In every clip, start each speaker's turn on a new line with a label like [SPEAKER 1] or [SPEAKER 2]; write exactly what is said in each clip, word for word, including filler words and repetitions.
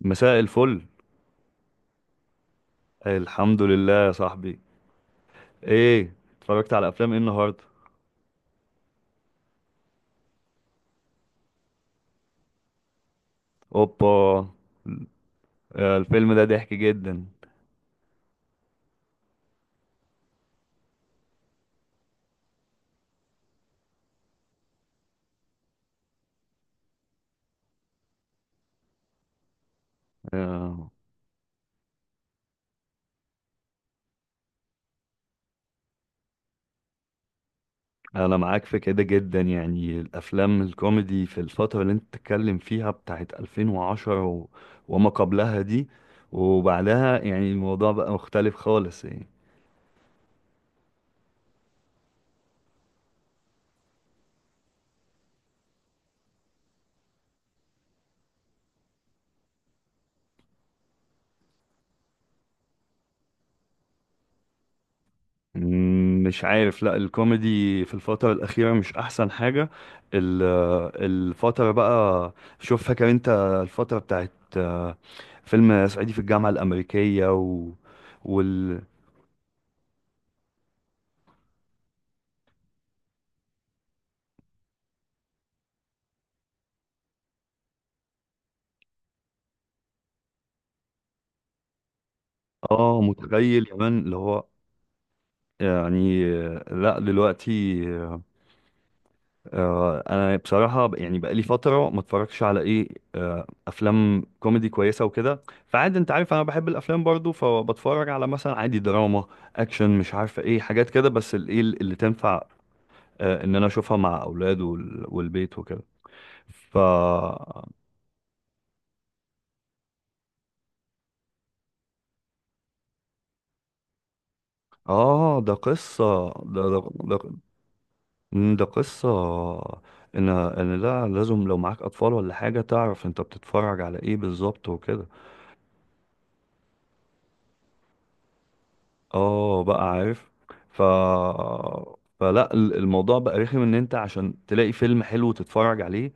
[SPEAKER 1] مساء الفل. الحمد لله يا صاحبي. ايه اتفرجت على افلام ايه النهارده؟ اوبا. آه، الفيلم ده ضحك جدا. آه، انا معاك في كده جدا، يعني الافلام الكوميدي في الفتره اللي انت بتتكلم فيها بتاعت ألفين وعشرة و... وما قبلها دي وبعدها، يعني الموضوع بقى مختلف خالص يعني. مم، مش عارف، لا الكوميدي في الفترة الأخيرة مش أحسن حاجة. ال- الفترة بقى، شوف فاكر أنت الفترة بتاعت آه، فيلم صعيدي في الجامعة الأمريكية و... وال آه متخيل كمان اللي هو يعني. آه، لا دلوقتي آه، انا بصراحه ب- يعني بقالي فتره ما اتفرجش على ايه، آه، افلام كوميدي كويسه وكده، فعادي انت عارف انا بحب الافلام برضو، فبتفرج على مثلا عادي دراما، اكشن، مش عارفه ايه حاجات كده، بس الايه اللي تنفع آه، ان انا اشوفها مع اولاد وال- والبيت وكده. ف اه ده قصه، ده ده ده, مم، ده قصه ان ان لا لازم لو معاك اطفال ولا حاجه تعرف انت بتتفرج على ايه بالظبط وكده. اه بقى عارف. ف فلا ال- الموضوع بقى رخم ان انت عشان تلاقي فيلم حلو تتفرج عليه،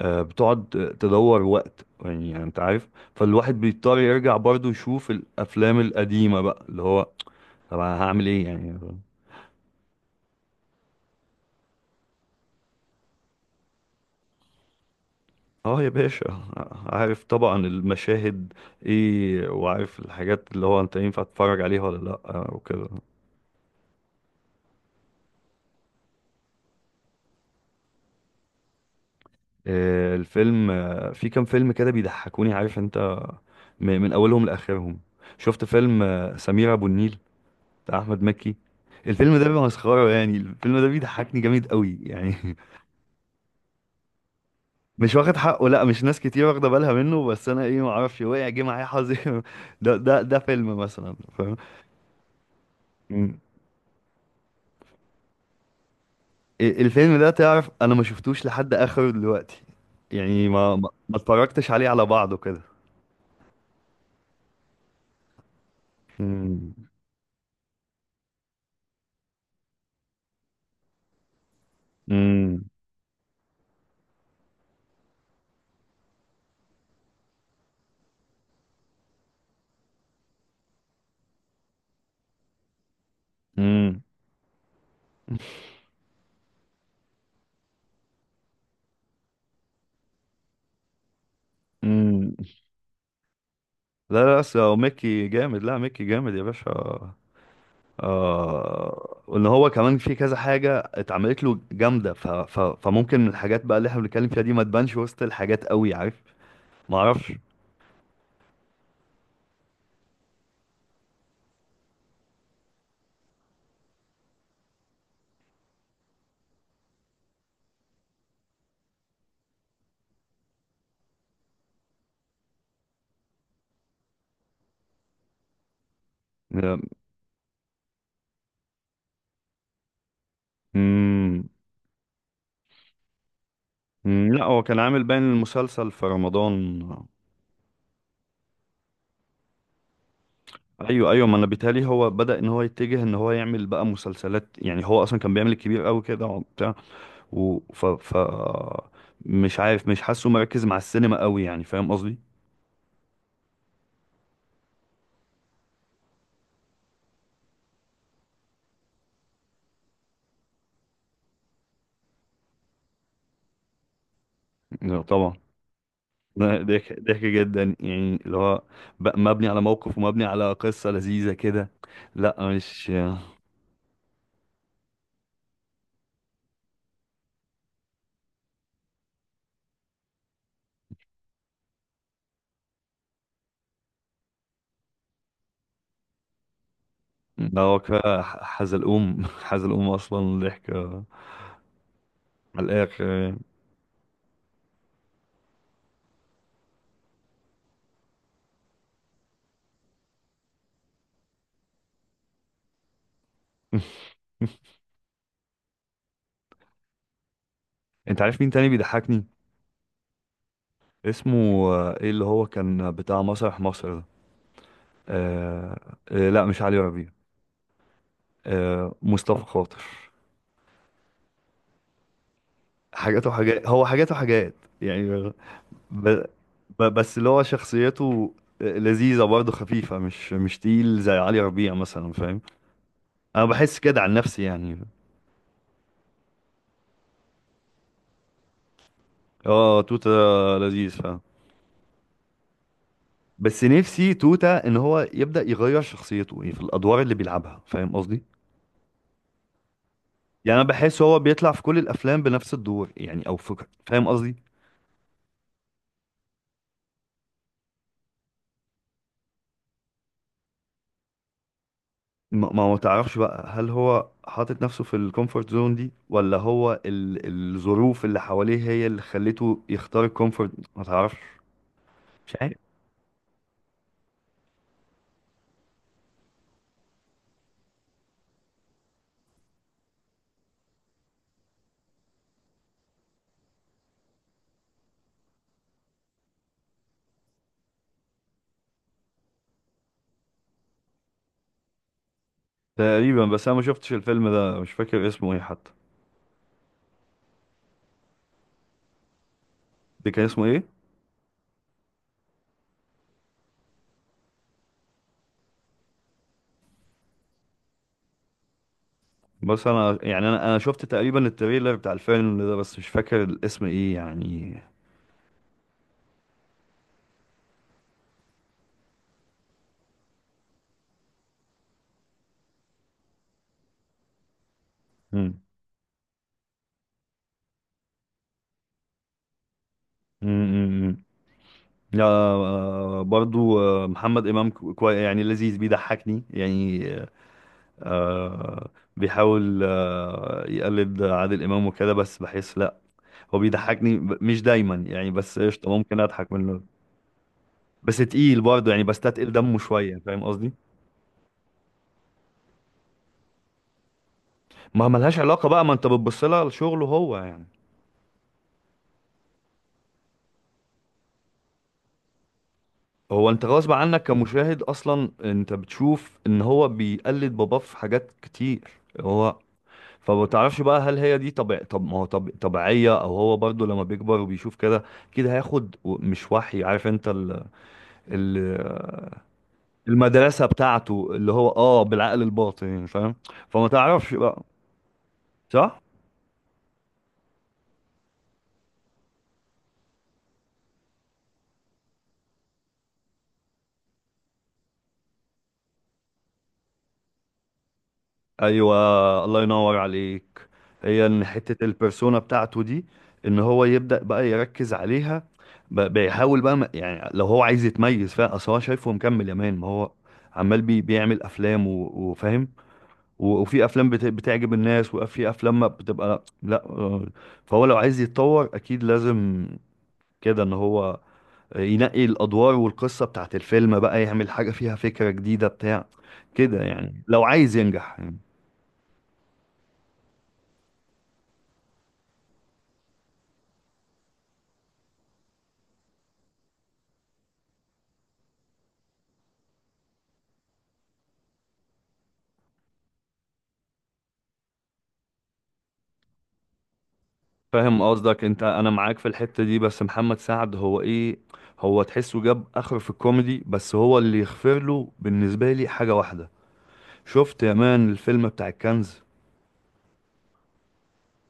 [SPEAKER 1] آه، بتقعد تدور وقت، يعني يعني انت عارف. فالواحد بيضطر يرجع برضه يشوف الافلام القديمة بقى اللي هو، طب أنا هعمل ايه يعني؟ اه يا باشا، عارف طبعا المشاهد ايه، وعارف الحاجات اللي هو انت ينفع تتفرج عليها ولا لا، آه، وكده. آه، الفيلم آه، في كام فيلم كده بيضحكوني، عارف انت، م- من اولهم لاخرهم. شفت فيلم آه، سمير ابو النيل بتاع احمد مكي؟ الفيلم ده بيبقى مسخره، يعني الفيلم ده بيضحكني جامد قوي يعني. مش واخد حقه، لا مش ناس كتير واخده بالها منه، بس انا ايه، ما اعرفش وقع جه معايا حظي. ده ده ده فيلم مثلا فاهم. مم. ال- الفيلم ده تعرف انا ما شفتوش لحد اخره دلوقتي، يعني ما ما ما اتفرجتش عليه على بعضه كده. مم. مم. مم. مم. لا لا بس هو ميكي جامد، لا ميكي جامد يا باشا. آه، وان هو كمان في كذا حاجه اتعملت له جامده، ف... ف... فممكن الحاجات بقى اللي احنا بنتكلم فيها دي ما تبانش وسط الحاجات قوي، عارف. ما اعرفش. أمم، أمم، لا هو كان عامل باين المسلسل في رمضان. ايوه ايوه ما انا بيتهيألي هو بدأ ان هو يتجه ان هو يعمل بقى مسلسلات، يعني هو اصلا كان بيعمل الكبير قوي كده وبتاع و... ف... ف... مش عارف، مش حاسه مركز مع السينما قوي، يعني فاهم قصدي؟ لا، طبعا. لا، ضحك ضحك جدا يعني اللي هو، ب- مبني على موقف ومبني على قصة لذيذة كده. لا مش، لا هو كفاية ح- حزلقوم. حزلقوم أصلا ضحك على الآخر يعني. أنت عارف مين تاني بيضحكني؟ اسمه آه، إيه اللي هو كان بتاع مسرح مصر ده؟ آه. آه لا مش علي ربيع. آه مصطفى خاطر. حاجات وحاجات، هو حاجات وحاجات يعني. ب... ب... بس اللي هو شخصيته لذيذة برضه، خفيفة، مش مش تقيل زي علي ربيع مثلا، فاهم؟ انا بحس كده عن نفسي يعني. اه توتة لذيذ، فاهم. بس نفسي توتة ان هو يبدأ يغير شخصيته، يعني في الادوار اللي بيلعبها، فاهم قصدي؟ يعني انا بحس هو بيطلع في كل الافلام بنفس الدور يعني، او فكرة، فاهم قصدي؟ ما ما هو تعرفش بقى، هل هو حاطط نفسه في الكومفورت زون دي، ولا هو ال... الظروف اللي حواليه هي اللي خلته يختار الكومفورت، ما تعرفش. تقريبا، بس انا ما شفتش الفيلم ده، مش فاكر اسمه ايه حتى. ده كان اسمه ايه؟ بس انا يعني انا انا شفت تقريبا التريلر بتاع الفيلم ده، بس مش فاكر الاسم ايه يعني. امم، امم، لا آه، برضو آه، محمد امام كو- كوي يعني، لذيذ بيضحكني يعني. آه بيحاول آه يقلد عادل امام وكده، بس بحس لا، هو بيضحكني ب- مش دايما يعني، بس قشطه ممكن اضحك منه. بس تقيل برضه يعني، بستتقل دمه شويه، فاهم قصدي؟ ما ملهاش علاقة بقى، ما انت بتبص لها لشغله هو يعني. هو انت غصب عنك كمشاهد اصلا انت بتشوف ان هو بيقلد باباه في حاجات كتير. هو، فما تعرفش بقى، هل هي دي طبيع، طب ما هو طب طبيعية، او هو برضو لما بيكبر وبيشوف كده كده هياخد و- مش وحي، عارف انت ال... ال... المدرسة بتاعته اللي هو اه بالعقل الباطن يعني، فاهم؟ فما تعرفش بقى، صح؟ ايوه الله ينور عليك. هي ان حته البرسونا بتاعته دي ان هو يبدا بقى يركز عليها، ب- بيحاول بقى ما- يعني لو هو عايز يتميز فيها، اصل هو شايفه مكمل يا مان، ما هو عمال بي بيعمل افلام و- وفاهم، و- وفي افلام بت- بتعجب الناس، وفي افلام ما بتبقى لا، آه، فهو لو عايز يتطور اكيد لازم كده ان هو ينقي الادوار والقصه بتاعت الفيلم بقى، يعمل حاجه فيها فكره جديده بتاع كده يعني، لو عايز ينجح يعني. فاهم قصدك انت، انا معاك في الحتة دي، بس محمد سعد هو ايه، هو تحسه جاب اخر في الكوميدي، بس هو اللي يغفر له بالنسبة لي حاجة واحدة. شفت يا مان الفيلم بتاع الكنز؟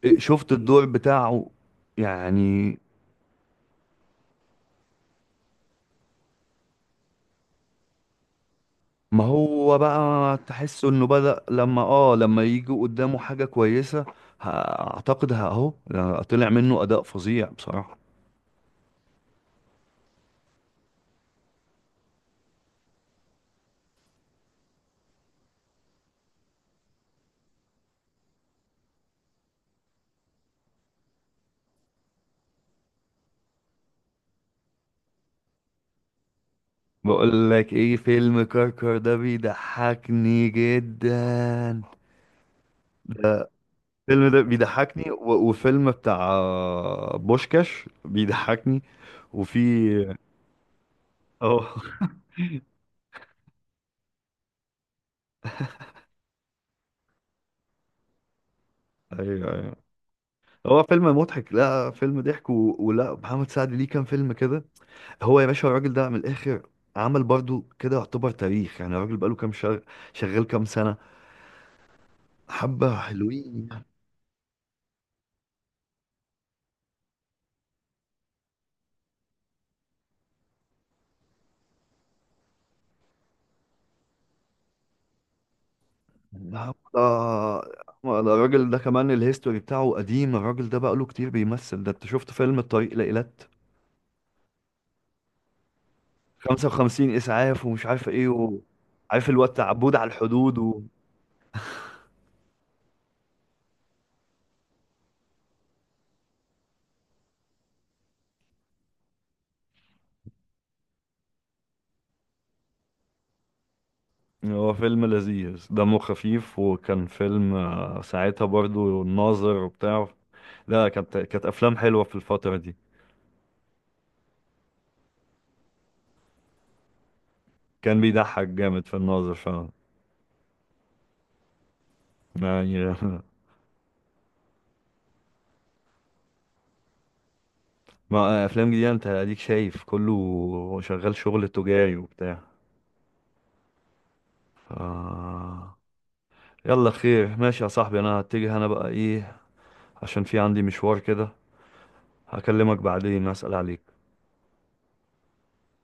[SPEAKER 1] إيه، شفت الدور بتاعه يعني. ما هو بقى تحسه انه بدأ لما اه لما يجي قدامه حاجة كويسة، ه- اعتقد ه- اهو طلع منه اداء فظيع بصراحة. بقول لك ايه، فيلم كركر ده بيضحكني جدا. الفيلم ده بيضحكني و... وفيلم بتاع بوشكاش بيضحكني. وفي اه ايوه ايوه، هو فيلم مضحك، لا فيلم ضحك و... ولا محمد سعد ليه كام فيلم كده، هو يا باشا الراجل ده من الاخر، عمل برضو كده يعتبر تاريخ يعني. الراجل بقاله كام شغ... شغال كام سنة، حبة حلوين يعني حبة. الراجل ده كمان الهيستوري بتاعه قديم، الراجل ده بقاله كتير بيمثل. ده انت شفت فيلم الطريق لإيلات، خمسة وخمسين اسعاف، ومش عارف ايه و... عارف اللي هو التعبود على الحدود و... هو فيلم لذيذ دمه خفيف، وكان فيلم آه، ساعتها برضو الناظر وبتاع. لا كانت كانت افلام حلوه في الفتره دي. كان بيضحك جامد في الناظر فعلا يعني. ما افلام جديده انت اديك شايف كله شغال شغل تجاري وبتاع. ف... يلا خير، ماشي يا صاحبي، انا هتجه انا بقى ايه، عشان في عندي مشوار كده. هكلمك بعدين، اسال عليك.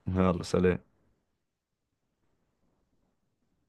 [SPEAKER 1] يلا سلام.